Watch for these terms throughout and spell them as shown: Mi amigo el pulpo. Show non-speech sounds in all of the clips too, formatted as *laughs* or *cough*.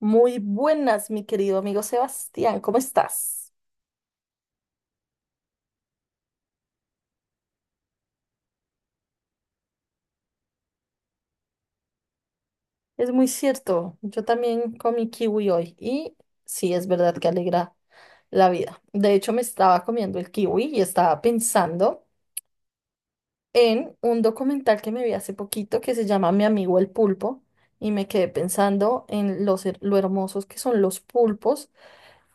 Muy buenas, mi querido amigo Sebastián, ¿cómo estás? Es muy cierto, yo también comí kiwi hoy y sí, es verdad que alegra la vida. De hecho, me estaba comiendo el kiwi y estaba pensando en un documental que me vi hace poquito que se llama Mi amigo el pulpo y me quedé pensando en lo hermosos que son los pulpos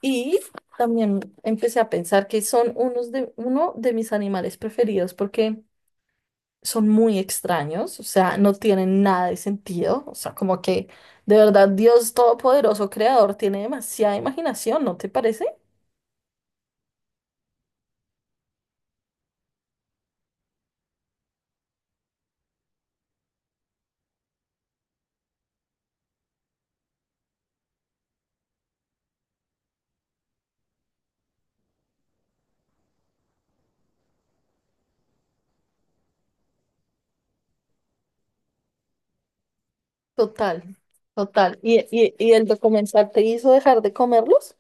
y también empecé a pensar que son uno de mis animales preferidos porque son muy extraños, o sea, no tienen nada de sentido, o sea, como que de verdad Dios Todopoderoso Creador tiene demasiada imaginación, ¿no te parece? Total, total. ¿Y el documental te hizo dejar de comerlos?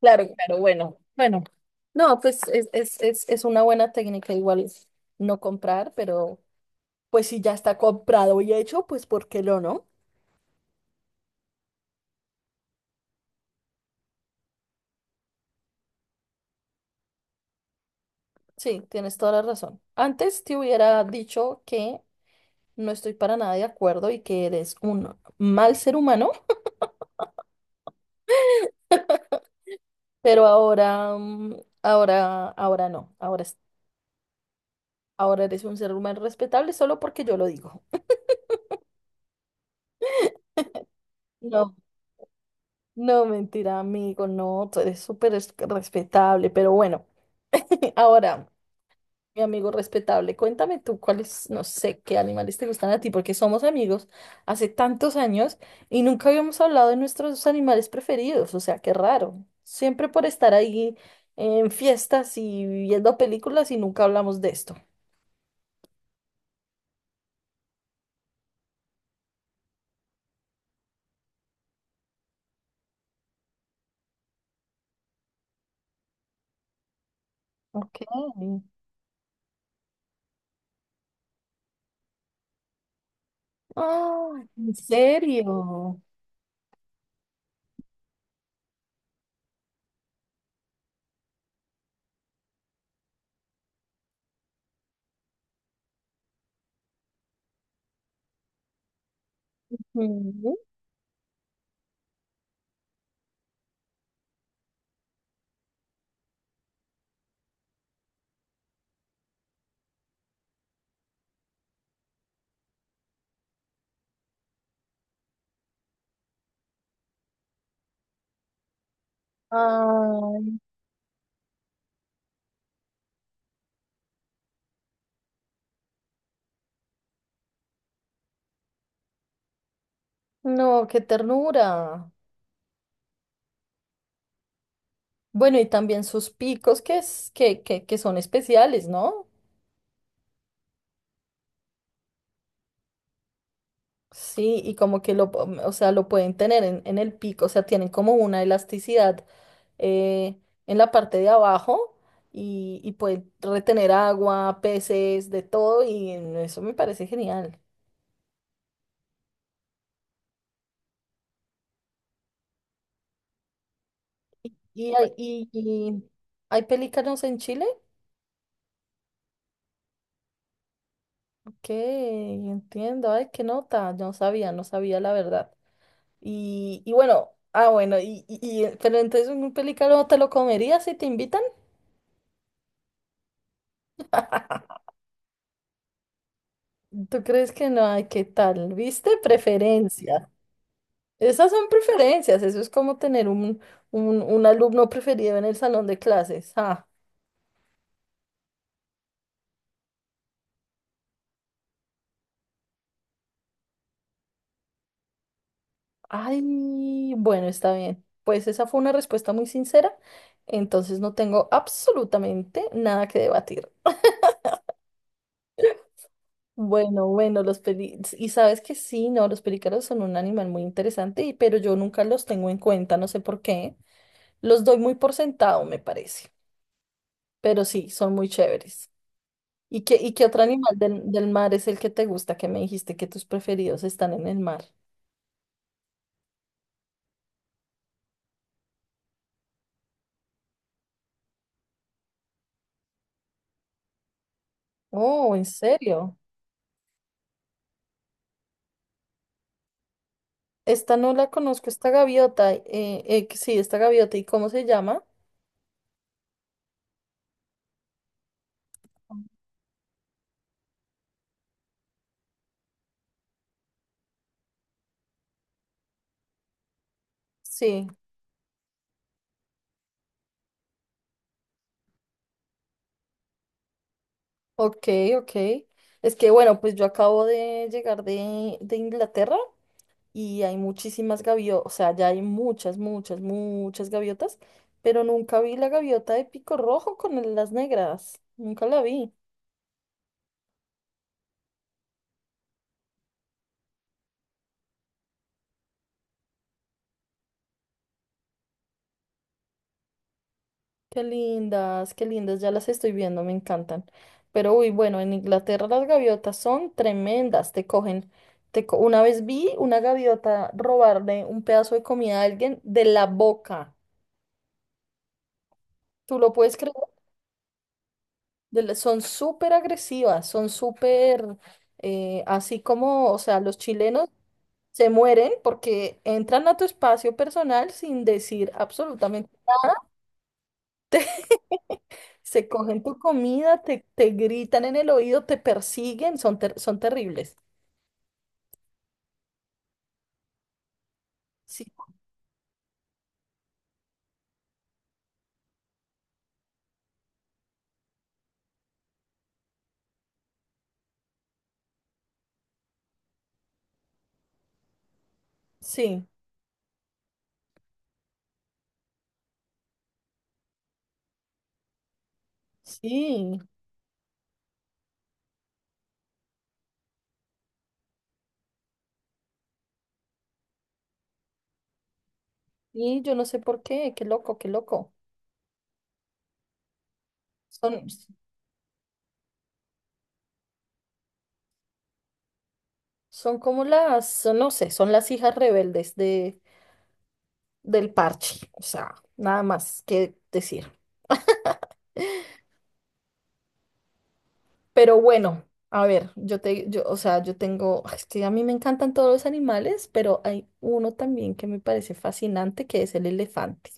Claro, claro, bueno, bueno. No, pues es una buena técnica igual no comprar, pero pues si ya está comprado y hecho, pues ¿por qué lo no? Sí, tienes toda la razón. Antes te hubiera dicho que no estoy para nada de acuerdo y que eres un mal ser humano, pero ahora, mm, ahora, ahora no, ahora, es- ahora eres un ser humano respetable solo porque yo lo digo. *laughs* No, no, mentira, amigo, no, tú eres respetable, pero bueno, *laughs* ahora. Mi amigo respetable, cuéntame tú cuáles, no sé, qué animales te gustan a ti, porque somos amigos hace tantos años y nunca habíamos hablado de nuestros animales preferidos, o sea, qué raro. Siempre por estar ahí en fiestas y viendo películas y nunca hablamos de esto. Ok. Ah, ¿en serio? Ujú. Ay, no, qué ternura. Bueno, y también sus picos que, son especiales, ¿no? Sí, y como que lo, po- o sea, lo pueden tener en el pico, o sea, tienen como una elasticidad eh, en la parte de abajo y pueden retener agua, peces, de todo, y eso me parece genial. Y hay pelícanos en Chile, que entiendo, ay, qué nota, no sabía, no sabía la verdad. Y, y bueno, ah, bueno, y, y, pero entonces un pelícano te lo comerías si te invitan. ¿Tú crees que no hay qué tal? ¿Viste? Preferencias. Esas son preferencias. Eso es como tener un alumno preferido en el salón de clases. Ah, ay, bueno, está bien. Pues esa fue una respuesta muy sincera. Entonces no tengo absolutamente nada que debatir. Bueno, bueno, los peli... Y sabes que sí, no, los pelícaros son un animal muy interesante, pero yo nunca los tengo en cuenta, no sé por qué. Los doy muy por sentado, me parece. Pero sí, son muy chéveres. ¿Y qué otro animal del mar es el que te gusta, que me dijiste que tus preferidos están en el mar? Oh, ¿en serio? Esta no la conozco, esta gaviota. Que sí, esta gaviota. ¿Y cómo se llama? Sí, ok, ok. Es que bueno, pues yo acabo de llegar de Inglaterra y hay muchísimas gaviotas, o sea, ya hay muchas, muchas, muchas gaviotas, pero nunca vi la gaviota de pico rojo las negras. Nunca la vi. Qué lindas, ya las estoy viendo, me encantan. Pero uy, bueno, en Inglaterra las gaviotas son tremendas, te cogen. Una vez vi una gaviota robarle un pedazo de comida a alguien de la boca. ¿Tú lo puedes creer? Son súper agresivas, son súper, así como, o sea, los chilenos se mueren porque entran a tu espacio personal sin decir absolutamente. Se cogen tu comida, te gritan en el oído, te persiguen, son terribles. Sí, sí, sí. Y yo no sé por qué, qué loco, qué loco. Son, son como las, son- No sé, son las hijas rebeldes del parche. O sea, nada más que decir. Pero bueno, a ver, yo te, yo, o sea, yo tengo, es que a mí me encantan todos los animales, pero hay uno también que me parece fascinante, que es el elefante.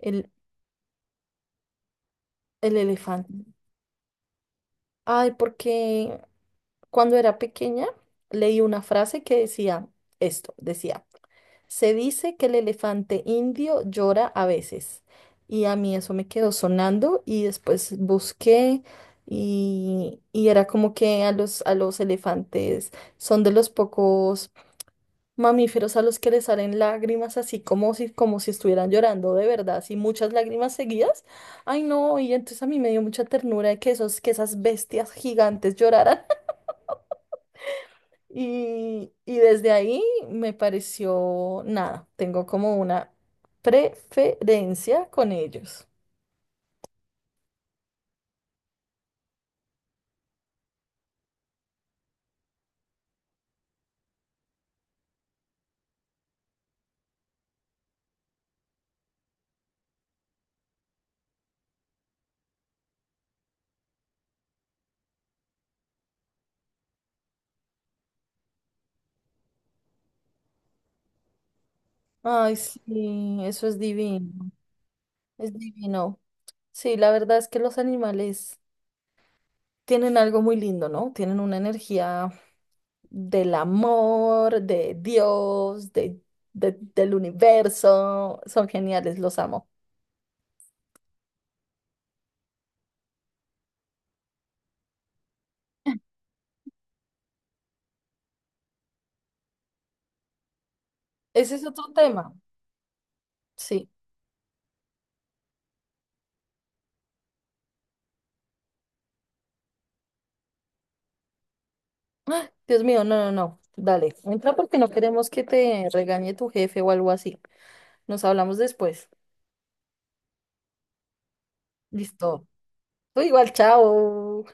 El, el elefante. Ay, porque cuando era pequeña leí una frase que decía esto, decía, se dice que el elefante indio llora a veces. Y a mí eso me quedó sonando y después busqué y era como que a los elefantes son de los pocos mamíferos a los que les salen lágrimas así como si estuvieran llorando de verdad, así muchas lágrimas seguidas. Ay, no, y entonces a mí me dio mucha ternura de que esos, que esas bestias gigantes lloraran. Y desde ahí me pareció nada, tengo como una preferencia con ellos. Ay, sí, eso es divino, es divino. Sí, la verdad es que los animales tienen algo muy lindo, ¿no? Tienen una energía del amor, de Dios, de, del universo. Son geniales, los amo. Ese es otro tema, sí. Ah, Dios mío, no, no, no. Dale, entra porque no queremos que te regañe tu jefe o algo así. Nos hablamos después. Listo. Tú igual, chao.